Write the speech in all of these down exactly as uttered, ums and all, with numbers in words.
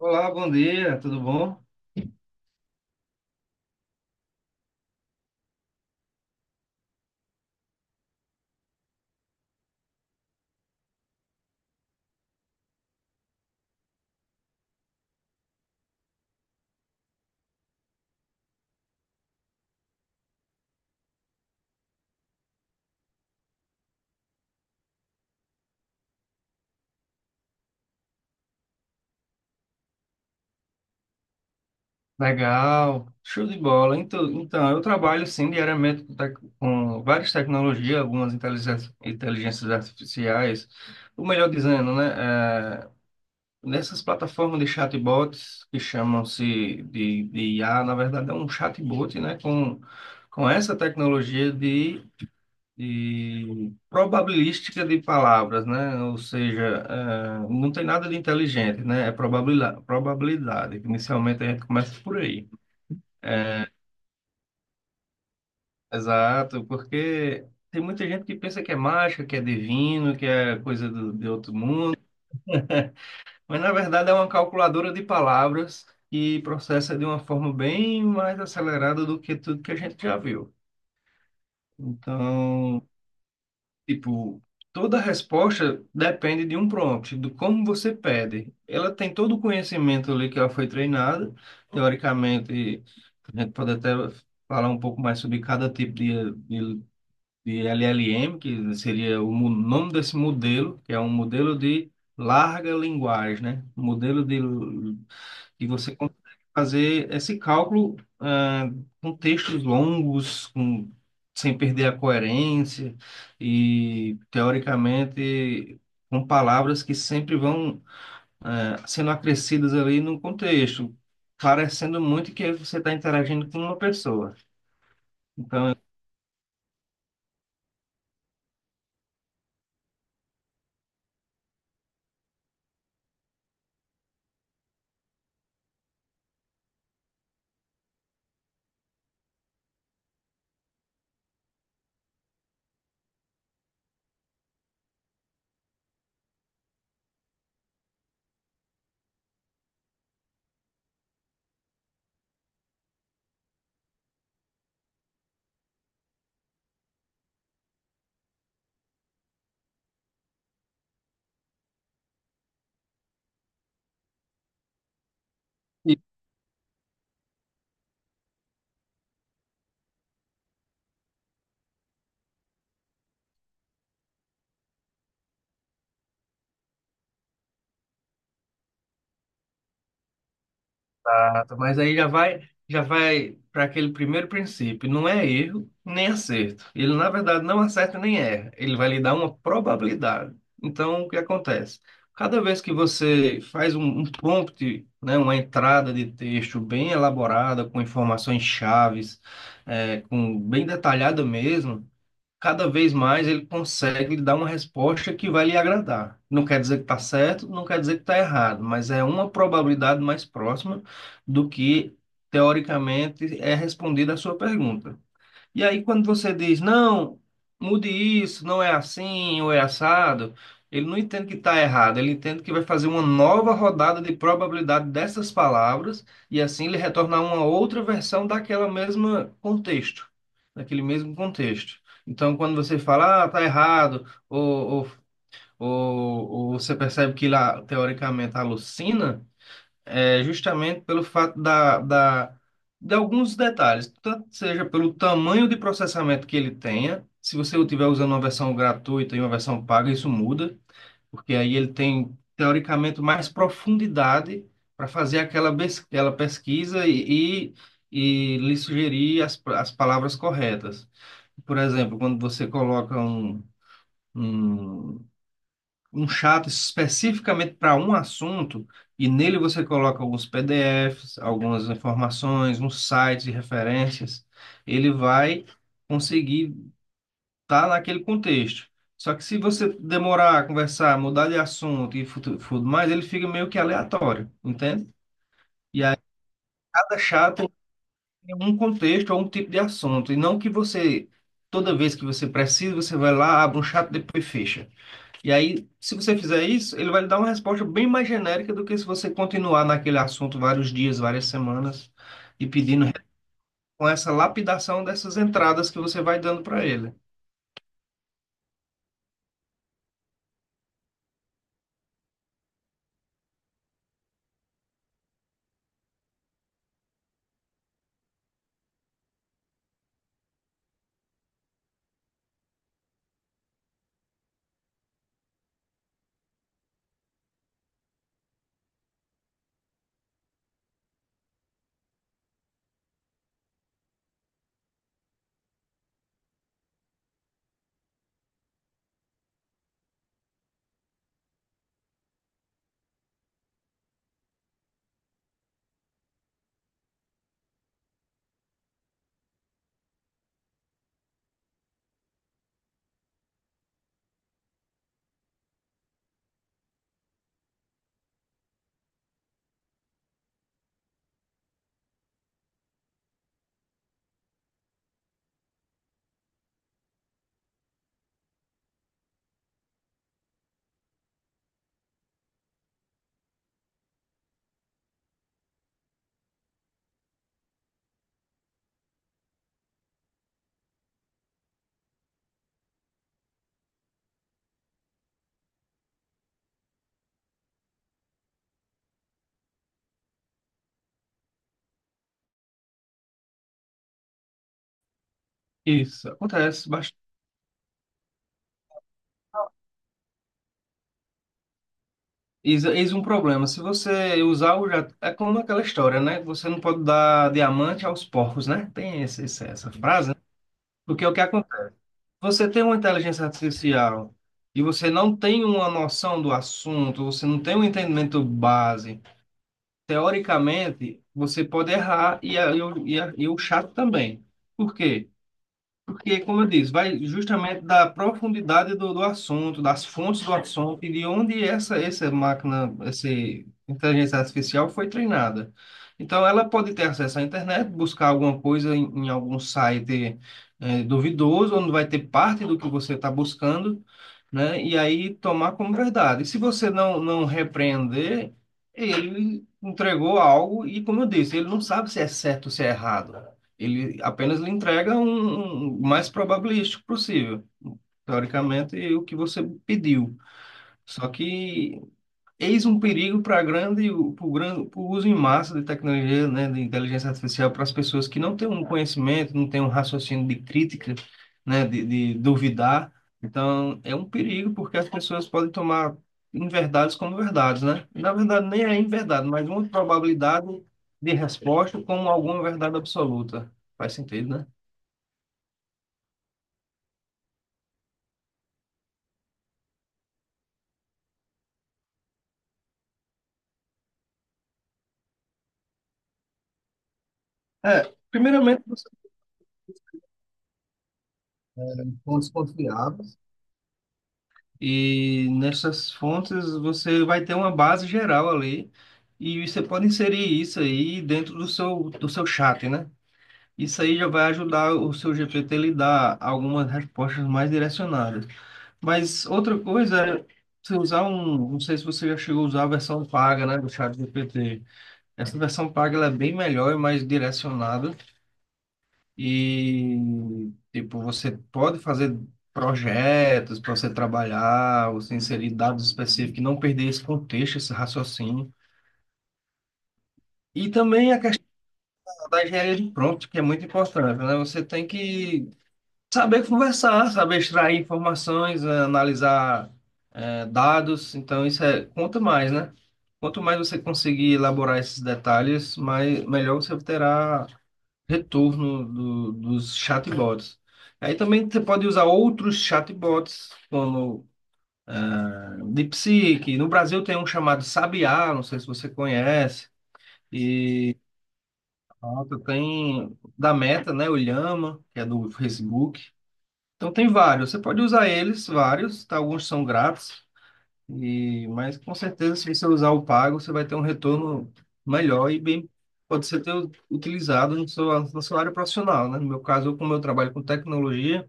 Olá, bom dia, tudo bom? Legal, show de bola. Então, então, eu trabalho sim diariamente com, tec- com várias tecnologias, algumas inteligências, inteligências artificiais, ou melhor dizendo, né, é, nessas plataformas de chatbots que chamam-se de, de I A, na verdade é um chatbot, né, com, com essa tecnologia de e probabilística de palavras, né? Ou seja, é, não tem nada de inteligente, né? É probabilidade, probabilidade. Inicialmente a gente começa por aí. Exato, porque tem muita gente que pensa que é mágica, que é divino, que é coisa do, de outro mundo, mas na verdade é uma calculadora de palavras que processa de uma forma bem mais acelerada do que tudo que a gente já viu. Então, tipo, toda resposta depende de um prompt, do como você pede. Ela tem todo o conhecimento ali que ela foi treinada, teoricamente, a gente pode até falar um pouco mais sobre cada tipo de, de, de L L M, que seria o mo- nome desse modelo, que é um modelo de larga linguagem, né? Um modelo de e você consegue fazer esse cálculo, ah, com textos longos, com, sem perder a coerência e, teoricamente, com palavras que sempre vão, ah, sendo acrescidas ali no contexto, parecendo muito que você está interagindo com uma pessoa. Exato, mas aí já vai, já vai para aquele primeiro princípio, não é erro nem acerto. Ele, na verdade, não acerta nem erra, ele vai lhe dar uma probabilidade. Então, o que acontece? Cada vez que você faz um, um prompt, né, uma entrada de texto bem elaborada, com informações chaves, é, com, bem detalhada mesmo, cada vez mais ele consegue lhe dar uma resposta que vai lhe agradar. Não quer dizer que está certo, não quer dizer que está errado, mas é uma probabilidade mais próxima do que teoricamente é respondida a sua pergunta. E aí, quando você diz, não, mude isso, não é assim ou é assado, ele não entende que está errado, ele entende que vai fazer uma nova rodada de probabilidade dessas palavras e assim ele retornar uma outra versão daquela mesma contexto, daquele mesmo contexto. Então, quando você fala, ah, tá errado, ou, ou, ou, ou você percebe que lá, teoricamente, alucina. É justamente pelo fato da, da, de alguns detalhes, tanto seja pelo tamanho de processamento que ele tenha, se você estiver usando uma versão gratuita e uma versão paga, isso muda, porque aí ele tem, teoricamente, mais profundidade para fazer aquela, bes- aquela pesquisa e, e, e lhe sugerir as, as palavras corretas. Por exemplo, quando você coloca um, um um chat especificamente para um assunto, e nele você coloca alguns P D Fs, algumas informações, uns sites e referências, ele vai conseguir estar naquele contexto. Só que se você demorar a conversar, mudar de assunto e fu- tudo mais, ele fica meio que aleatório, entende? Cada chat tem um contexto ou um tipo de assunto, e não que você, toda vez que você precisa, você vai lá, abre um chat, depois fecha. E aí, se você fizer isso, ele vai lhe dar uma resposta bem mais genérica do que se você continuar naquele assunto vários dias, várias semanas e pedindo uhum, com essa lapidação dessas entradas que você vai dando para ele. Isso acontece bastante. Eis eis um problema. Se você usar o já é como aquela história, né? Você não pode dar diamante aos porcos, né? Tem esse, esse- essa frase, né? Porque é o que acontece? Você tem uma inteligência artificial e você não tem uma noção do assunto, você não tem um entendimento base. Teoricamente, você pode errar e, a- e, o- e, a- e o chato também. Por quê? Porque, como eu disse, vai justamente da profundidade do, do assunto, das fontes do assunto e de onde essa, essa máquina, essa inteligência artificial foi treinada. Então, ela pode ter acesso à internet, buscar alguma coisa em, em algum site eh, duvidoso, onde vai ter parte do que você está buscando, né? E aí tomar como verdade. E se você não, não repreender, ele entregou algo e, como eu disse, ele não sabe se é certo ou se é errado. Ele apenas lhe entrega um, um mais probabilístico possível, teoricamente, o que você pediu. Só que eis um perigo para grande, para o grande, para o uso em massa de tecnologia, né, de inteligência artificial para as pessoas que não têm um conhecimento, não têm um raciocínio de crítica, né, de, de duvidar. Então, é um perigo porque as pessoas podem tomar inverdades como verdades, né? Na verdade, nem é inverdade, mas uma probabilidade de resposta como alguma verdade absoluta. Faz sentido, né? É, primeiramente, você tem fontes confiáveis e nessas fontes você vai ter uma base geral ali e você pode inserir isso aí dentro do seu, do seu chat, né? Isso aí já vai ajudar o seu G P T a lhe dar algumas respostas mais direcionadas. Mas outra coisa é você usar um, não sei se você já chegou a usar a versão paga, né, do chat G P T. Essa versão paga ela é bem melhor e mais direcionada e, tipo, você pode fazer projetos para você trabalhar, você inserir dados específicos, e não perder esse contexto, esse raciocínio. E também a questão da engenharia de prompt, que é muito importante, né? Você tem que saber conversar, saber extrair informações, eh, analisar, eh, dados. Então, isso é, conta mais, né? Quanto mais você conseguir elaborar esses detalhes, mais, melhor você terá retorno do- dos chatbots. Aí também você pode usar outros chatbots, como é, DeepSeek. No Brasil tem um chamado Sabiá, não sei se você conhece. E outro tem da Meta, né? O Llama, que é do Facebook. Então tem vários. Você pode usar eles, vários. Tá? Alguns são grátis. E, mas com certeza, se você usar o pago, você vai ter um retorno melhor e bem. Pode ser ter utilizado na sua, na sua área profissional, né? No meu caso, eu, como eu trabalho com tecnologia,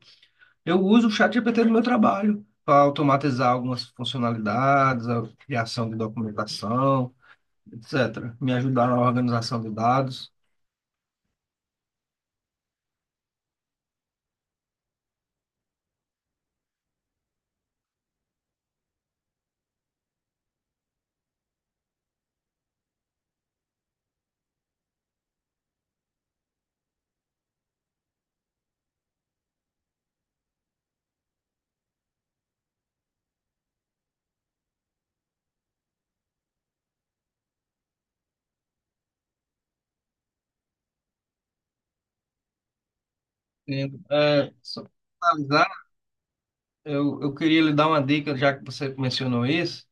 eu uso o ChatGPT no meu trabalho para automatizar algumas funcionalidades, a criação de documentação, etcétera. Me ajudar na organização de dados. Entendo. É, só para finalizar, eu, eu queria lhe dar uma dica, já que você mencionou isso,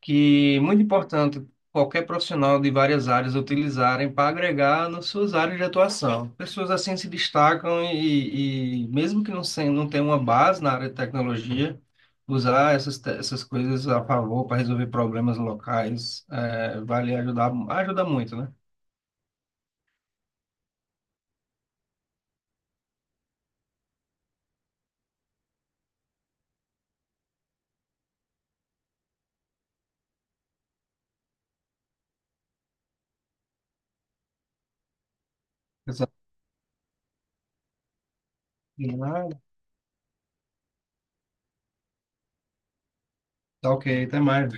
que é muito importante qualquer profissional de várias áreas utilizarem para agregar nas suas áreas de atuação. Pessoas assim se destacam e, e mesmo que não, sem, não tenham uma base na área de tecnologia, usar essas, te- essas coisas a favor para resolver problemas locais, eh, vale ajudar, ajuda muito, né? Exato. Ah, tá, ok, até mais.